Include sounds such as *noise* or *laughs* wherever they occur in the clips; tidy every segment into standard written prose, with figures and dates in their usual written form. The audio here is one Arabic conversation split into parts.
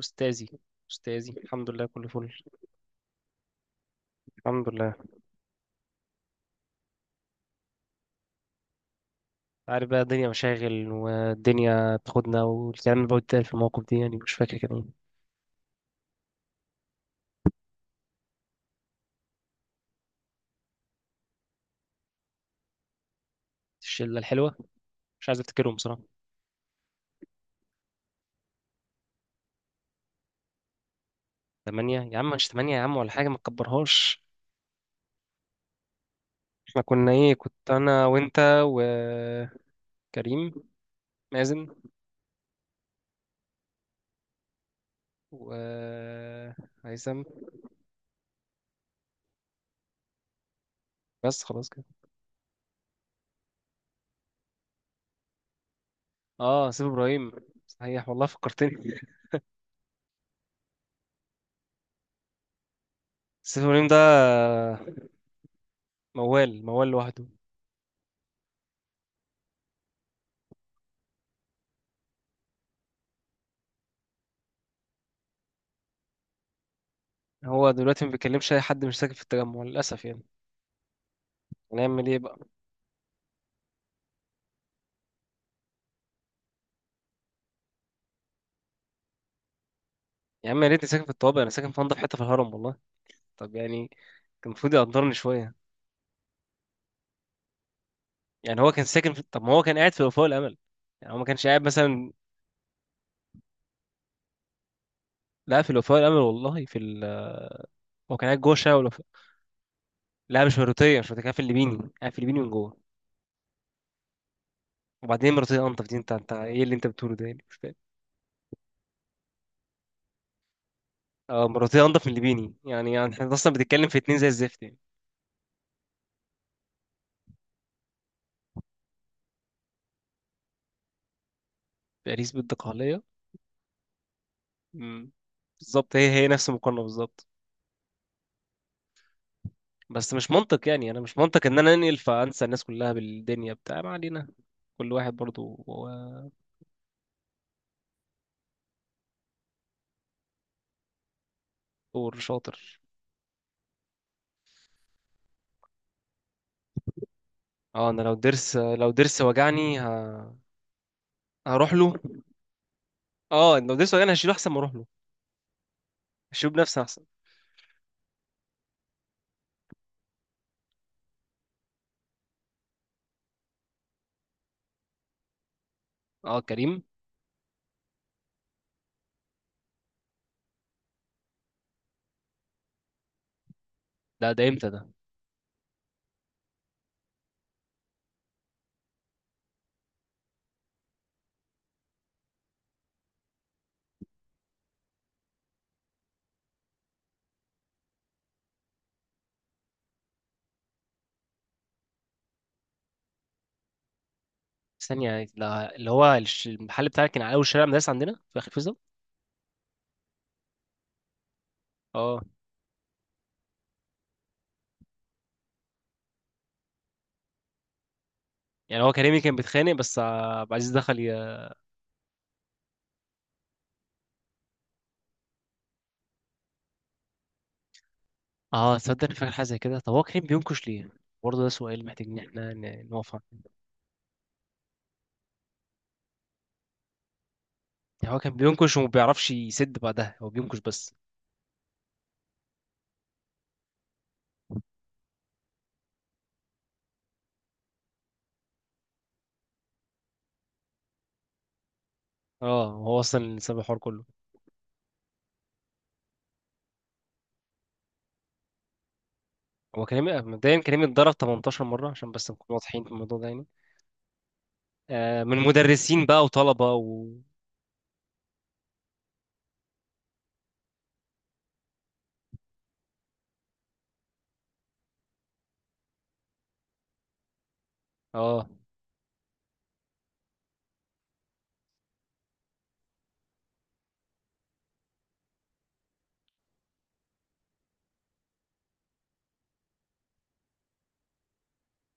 أستاذي أستاذي، الحمد لله كله فل. الحمد لله. عارف بقى، الدنيا مشاغل والدنيا تاخدنا، والكلام اللي بقعد في المواقف دي يعني مش فاكر كان إيه. الشلة الحلوة، مش عايز أفتكرهم بصراحة. تمانية يا عم؟ مش تمانية يا عم ولا حاجة، ما تكبرهاش. احنا كنا إيه؟ كنت أنا وأنت وكريم، مازن وهيثم، بس خلاص كده. اه، سيف إبراهيم، صحيح والله فكرتني. *laughs* سيف إبراهيم ده موال موال لوحده. هو دلوقتي ما بيكلمش اي حد، مش ساكن في التجمع للاسف يعني، هنعمل ايه بقى. يا عم يا ريتني ساكن في الطوابق، انا ساكن في انضف حته في الهرم والله. طب يعني كان المفروض يقدرني شويه. يعني هو كان ساكن في... طب ما هو كان قاعد في الوفاء والامل، يعني هو ما كانش قاعد مثلا. لا، في الوفاء والامل والله، في ال... هو كان قاعد جوه الشارع والوفاء. لا، مش مرتيه مش مرتيه، كان في الليبيني، قاعد في الليبيني من جوه. وبعدين مرتيه انضف دي؟ انت ايه اللي انت بتقوله ده؟ يعني مش فاهم. اه مرتيه انضف من الليبيني، يعني احنا اصلا بنتكلم في اتنين زي الزفت يعني. باريس بالدقهليه. امم. بالظبط، هي هي نفس المقارنه بالظبط. بس مش منطق يعني، انا مش منطق ان انا انقل فانسى الناس كلها بالدنيا، بتاع ما علينا. كل واحد برضو هو. دور شاطر. اه انا لو ضرس، لو ضرس وجعني ه... هروح له. اه لو ضرس وجعني هشيله احسن ما اروح له، هشيله بنفسي احسن. اه كريم. ده امتى ده؟ ثانية، ده اللي هو المحل بتاعك كان على اول شارع مدرسة عندنا في اخر فيصل. اه. يعني هو كريمي كان بيتخانق بس آه، عبد العزيز دخل ي... اه تصدق أنا فاكر حاجة زي كده. طب هو كريم بينكش ليه؟ برضه ده سؤال محتاج ان احنا نقف. يعني هو كان بينكش وما بيعرفش يسد بعدها، هو بينكش بس. اه هو اصلا اللي سبب الحوار كله. هو كريم مبدئيا، كريم اتضرب 18 مره عشان بس نكون واضحين في الموضوع ده يعني. آه من مدرسين بقى وطلبه و... اه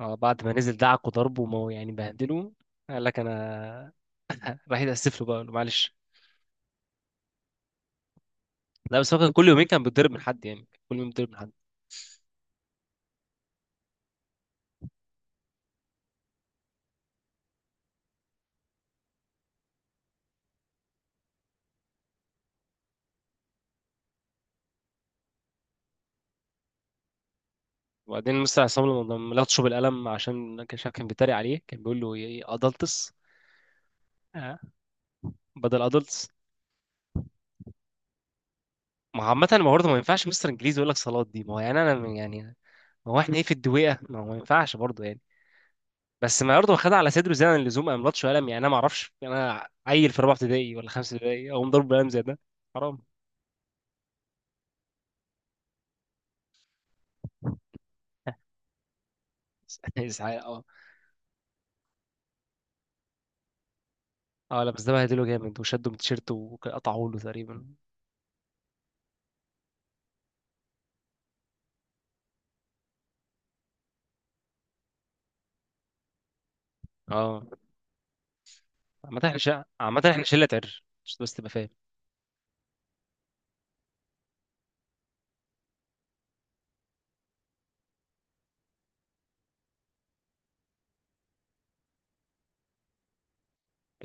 اه، بعد ما نزل دعك وضربه وما يعني بهدله، قال لك انا. راح يتاسف له بقى، قال له معلش. لا بس هو كان كل يومين كان بيتضرب من حد، يعني كل يوم بيتضرب من حد. وبعدين مستر عصام، لما لطشه بالقلم عشان كان شايف كان بيتريق عليه، كان بيقول له ايه، ادلتس. آه. بدل ادلتس. ما هو عامة، ما برضه ما ينفعش مستر انجليزي يقول لك صالات دي، ما هو يعني انا يعني، ما هو احنا ايه؟ في الدويقة؟ ما هو ما ينفعش برضه يعني. بس ما برضه خدها على صدره زي اللزوم، قام لطش قلم. يعني انا ما اعرفش، انا عيل في رابعة ابتدائي ولا خمسة ابتدائي اقوم ضرب بقلم زي ده، حرام. *laughs* اسعاف اه. اه لا بس ده بهدله جامد، وشده من تيشيرته وقطعه له تقريبا. اه عامة احنا شقة، عامة احنا شلة عر عشان بس تبقى فاهم.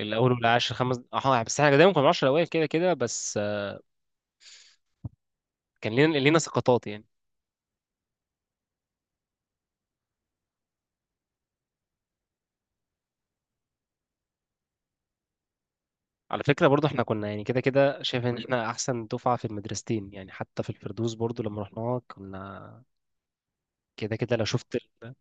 الاول والعاشر خمس، اه بس احنا دايما كنا 10 الاوائل كده كده بس آه، كان لينا سقطات يعني. على فكرة برضو احنا كنا يعني كده كده شايف ان احنا احسن دفعة في المدرستين، يعني حتى في الفردوس برضو لما رحناها كنا كده كده، لو شفت ال...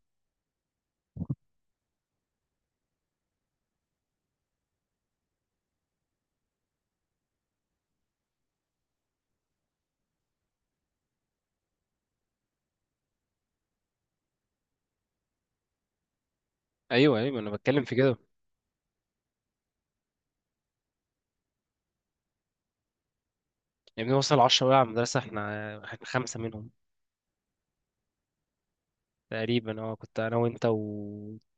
ايوه ايوه انا بتكلم في كده. يعني وصل 10 بقى على المدرسة، احنا خمسة منهم تقريبا. اه كنت انا وانت و...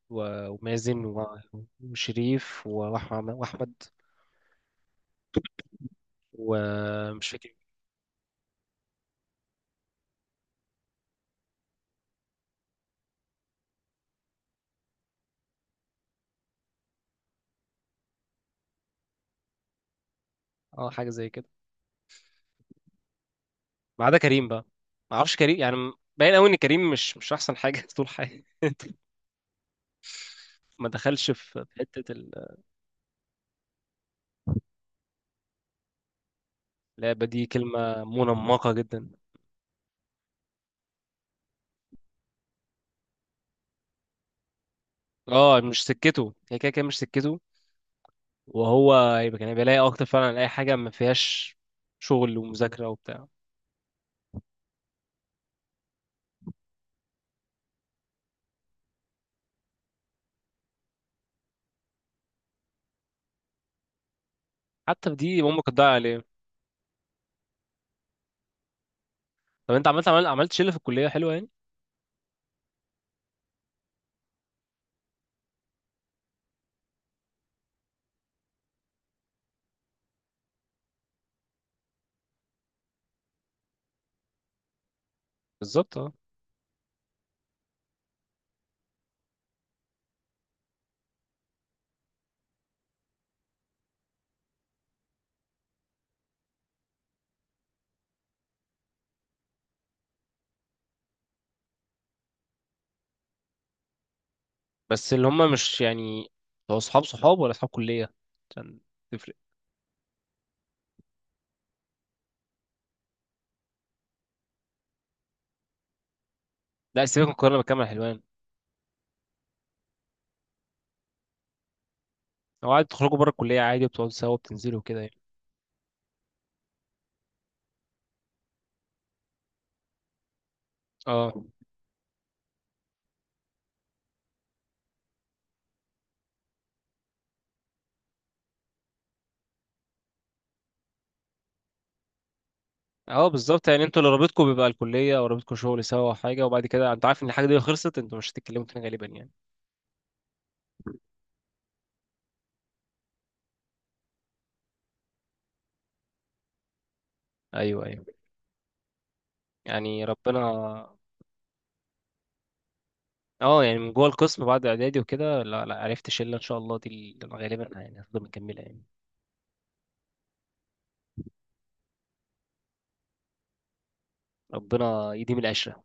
و... ومازن و... وشريف و... واحمد، واحمد، ومش فاكر. اه حاجة زي كده. ما عدا كريم بقى، ما اعرفش كريم يعني، باين قوي ان كريم مش احسن حاجة *laughs* طول حياته، ما دخلش في حتة. اللعبة دي كلمة منمقة جدا. اه مش سكته، هي كده كده مش سكته. وهو يبقى كان بيلاقي اكتر فعلا على اي حاجة ما فيهاش شغل ومذاكرة وبتاع. حتى في دي امك هتضيع عليه. طب انت عملت شلة في الكلية حلوة يعني؟ بالظبط اه. بس اللي هم مش يعني، هو صحاب صحاب ولا صحاب كلية؟ عشان تفرق. لا سيبك من القاهرة، بكامل حلوان. هو عادي تخرجوا بره الكلية عادي وبتقعدوا سوا وبتنزلوا وكده يعني؟ اه اه بالظبط. يعني انتوا اللي رابطكم بيبقى الكليه او رابطكم شغل سوا او حاجه، وبعد كده انت عارف ان الحاجه دي خلصت انتوا مش هتتكلموا تاني غالبا يعني. ايوه ايوه. يعني ربنا. اه، يعني من جوه القسم بعد اعدادي وكده، لا لا عرفت شله ان شاء الله دي اللي غالبا يعني هتفضل مكمله يعني. ربنا يديم العشره.